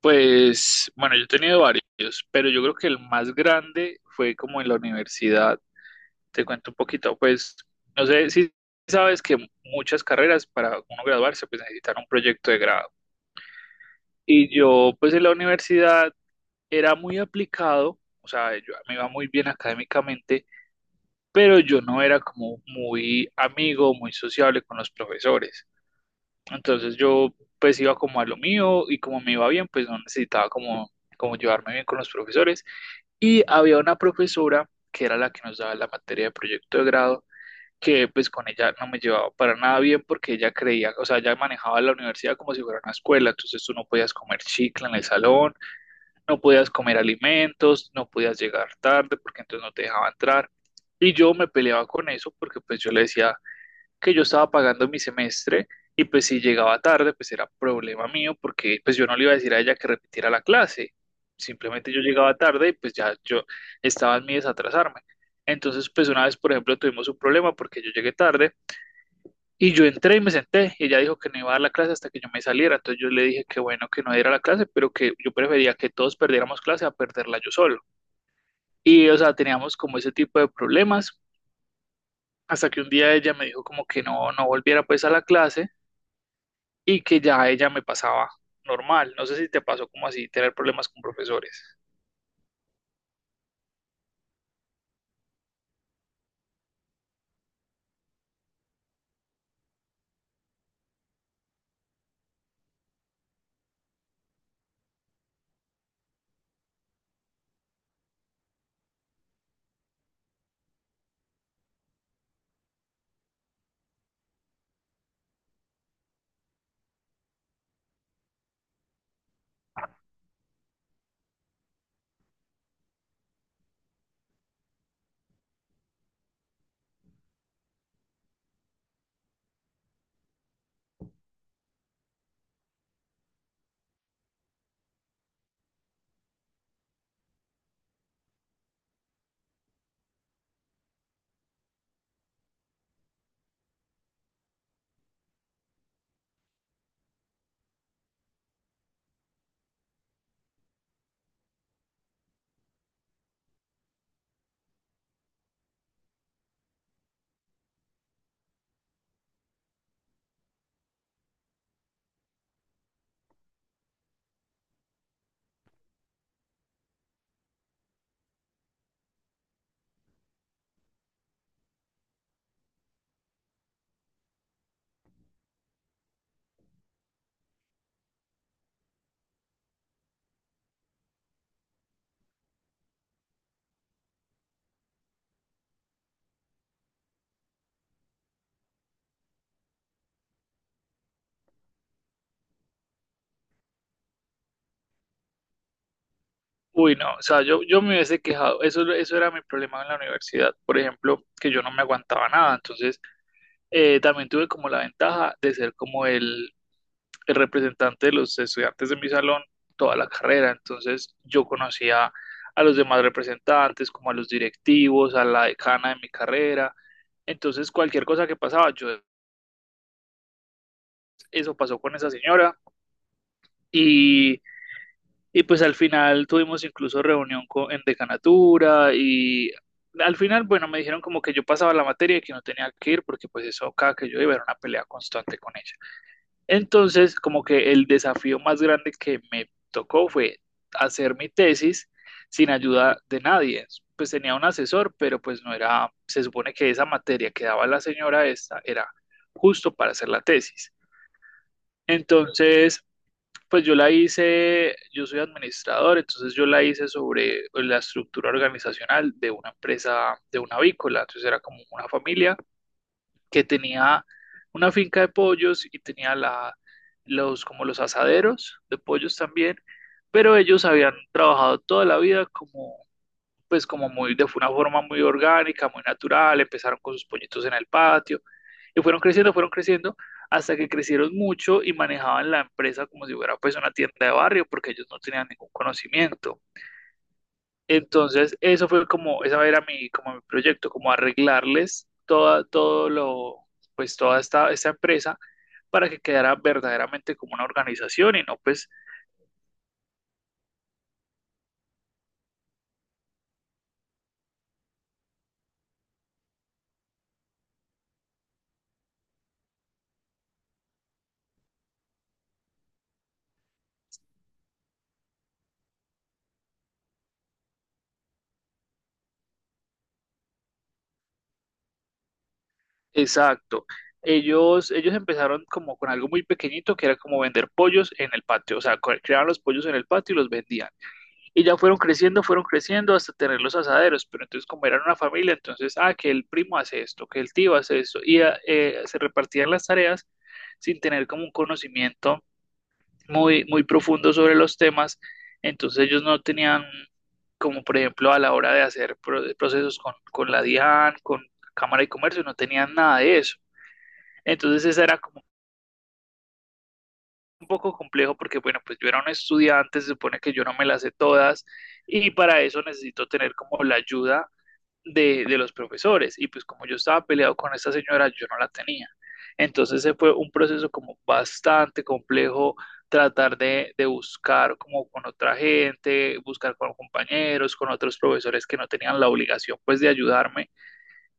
Pues, bueno, yo he tenido varios, pero yo creo que el más grande fue como en la universidad. Te cuento un poquito, pues, no sé si sabes que muchas carreras para uno graduarse, pues necesitan un proyecto de grado. Y yo, pues, en la universidad era muy aplicado, o sea, yo me iba muy bien académicamente, pero yo no era como muy amigo, muy sociable con los profesores. Entonces yo, pues, iba como a lo mío y como me iba bien, pues no necesitaba como, como llevarme bien con los profesores. Y había una profesora que era la que nos daba la materia de proyecto de grado, que pues con ella no me llevaba para nada bien porque ella creía, o sea, ella manejaba la universidad como si fuera una escuela, entonces tú no podías comer chicle en el salón, no podías comer alimentos, no podías llegar tarde porque entonces no te dejaba entrar. Y yo me peleaba con eso porque pues yo le decía que yo estaba pagando mi semestre y pues si llegaba tarde pues era problema mío porque pues yo no le iba a decir a ella que repitiera la clase. Simplemente yo llegaba tarde y pues ya yo estaba en mi desatrasarme. Entonces pues una vez por ejemplo tuvimos un problema porque yo llegué tarde y yo entré y me senté, y ella dijo que no iba a dar la clase hasta que yo me saliera. Entonces yo le dije que bueno que no diera la clase, pero que yo prefería que todos perdiéramos clase a perderla yo solo. Y o sea, teníamos como ese tipo de problemas, hasta que un día ella me dijo como que no, no volviera pues a la clase y que ya ella me pasaba normal. No sé si te pasó como así, tener problemas con profesores. Uy, no, o sea, yo me hubiese quejado, eso era mi problema en la universidad, por ejemplo, que yo no me aguantaba nada, entonces también tuve como la ventaja de ser como el representante de los estudiantes de mi salón toda la carrera, entonces yo conocía a los demás representantes, como a los directivos, a la decana de mi carrera, entonces cualquier cosa que pasaba, yo eso pasó con esa señora y, y pues al final tuvimos incluso reunión con, en decanatura y al final, bueno, me dijeron como que yo pasaba la materia y que no tenía que ir porque pues eso cada que yo iba era una pelea constante con ella. Entonces, como que el desafío más grande que me tocó fue hacer mi tesis sin ayuda de nadie. Pues tenía un asesor, pero pues no era, se supone que esa materia que daba la señora esta era justo para hacer la tesis. Entonces, pues yo la hice, yo soy administrador, entonces yo la hice sobre la estructura organizacional de una empresa, de una avícola, entonces era como una familia que tenía una finca de pollos y tenía la, los, como los asaderos de pollos también, pero ellos habían trabajado toda la vida como, pues como muy, de una forma muy orgánica, muy natural, empezaron con sus pollitos en el patio y fueron creciendo hasta que crecieron mucho y manejaban la empresa como si fuera pues una tienda de barrio porque ellos no tenían ningún conocimiento. Entonces, eso fue como, esa era mi, como mi proyecto, como arreglarles toda, todo lo, pues toda esta, esta empresa para que quedara verdaderamente como una organización y no, pues, exacto. Ellos empezaron como con algo muy pequeñito que era como vender pollos en el patio, o sea, creaban los pollos en el patio y los vendían. Y ya fueron creciendo hasta tener los asaderos, pero entonces como eran una familia, entonces, ah, que el primo hace esto, que el tío hace esto, y ah, se repartían las tareas sin tener como un conocimiento muy, muy profundo sobre los temas, entonces ellos no tenían como por ejemplo a la hora de hacer procesos con la DIAN, con Cámara de Comercio, no tenían nada de eso. Entonces esa era como un poco complejo porque bueno, pues yo era un estudiante, se supone que yo no me las sé todas y para eso necesito tener como la ayuda de los profesores. Y pues como yo estaba peleado con esta señora, yo no la tenía. Entonces ese fue un proceso como bastante complejo, tratar de buscar como con otra gente, buscar con compañeros, con otros profesores que no tenían la obligación pues de ayudarme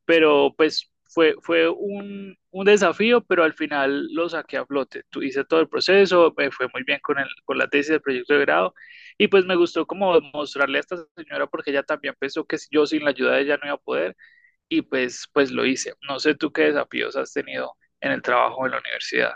pero pues fue, fue un desafío, pero al final lo saqué a flote. Hice todo el proceso, me fue muy bien con, el, con la tesis del proyecto de grado y pues me gustó como mostrarle a esta señora porque ella también pensó que yo sin la ayuda de ella no iba a poder y pues, pues lo hice. No sé tú qué desafíos has tenido en el trabajo en la universidad.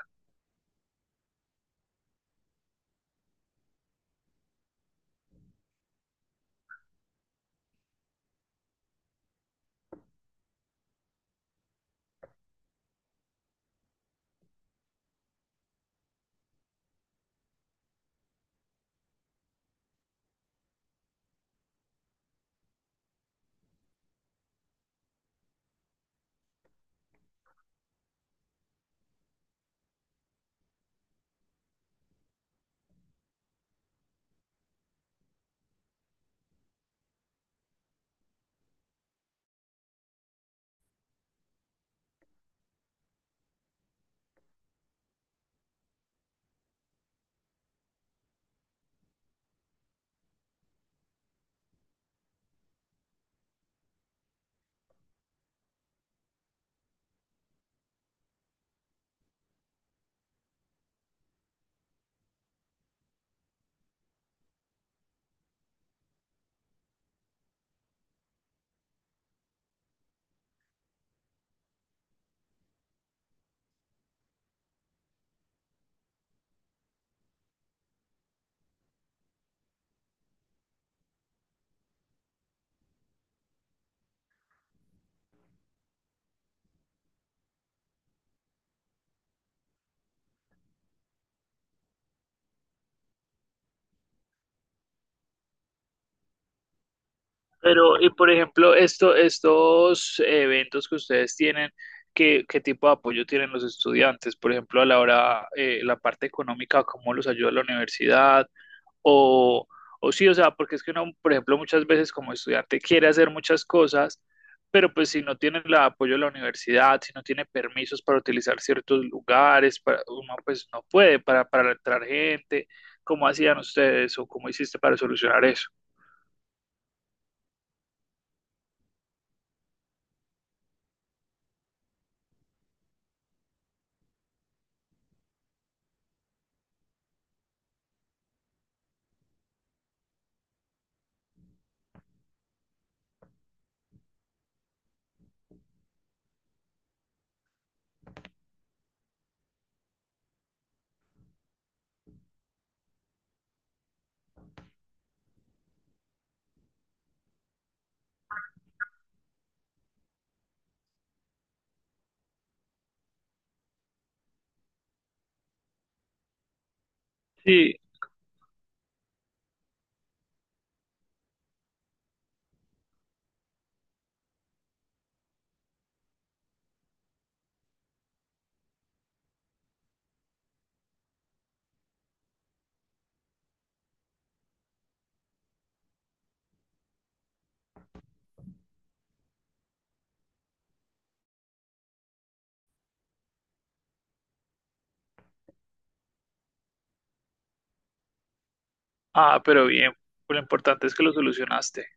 Pero, y por ejemplo, esto, estos eventos que ustedes tienen, ¿qué, qué tipo de apoyo tienen los estudiantes? Por ejemplo, a la hora, la parte económica, ¿cómo los ayuda la universidad? O, o sí, o sea, porque es que uno, por ejemplo, muchas veces como estudiante quiere hacer muchas cosas, pero pues si no tiene el apoyo de la universidad, si no tiene permisos para utilizar ciertos lugares, para, uno pues no puede para entrar gente. ¿Cómo hacían ustedes o cómo hiciste para solucionar eso? Sí. Ah, pero bien, lo importante es que lo solucionaste.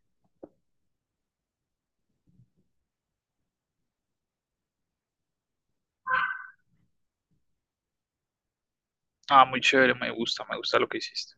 Ah, muy chévere, me gusta lo que hiciste.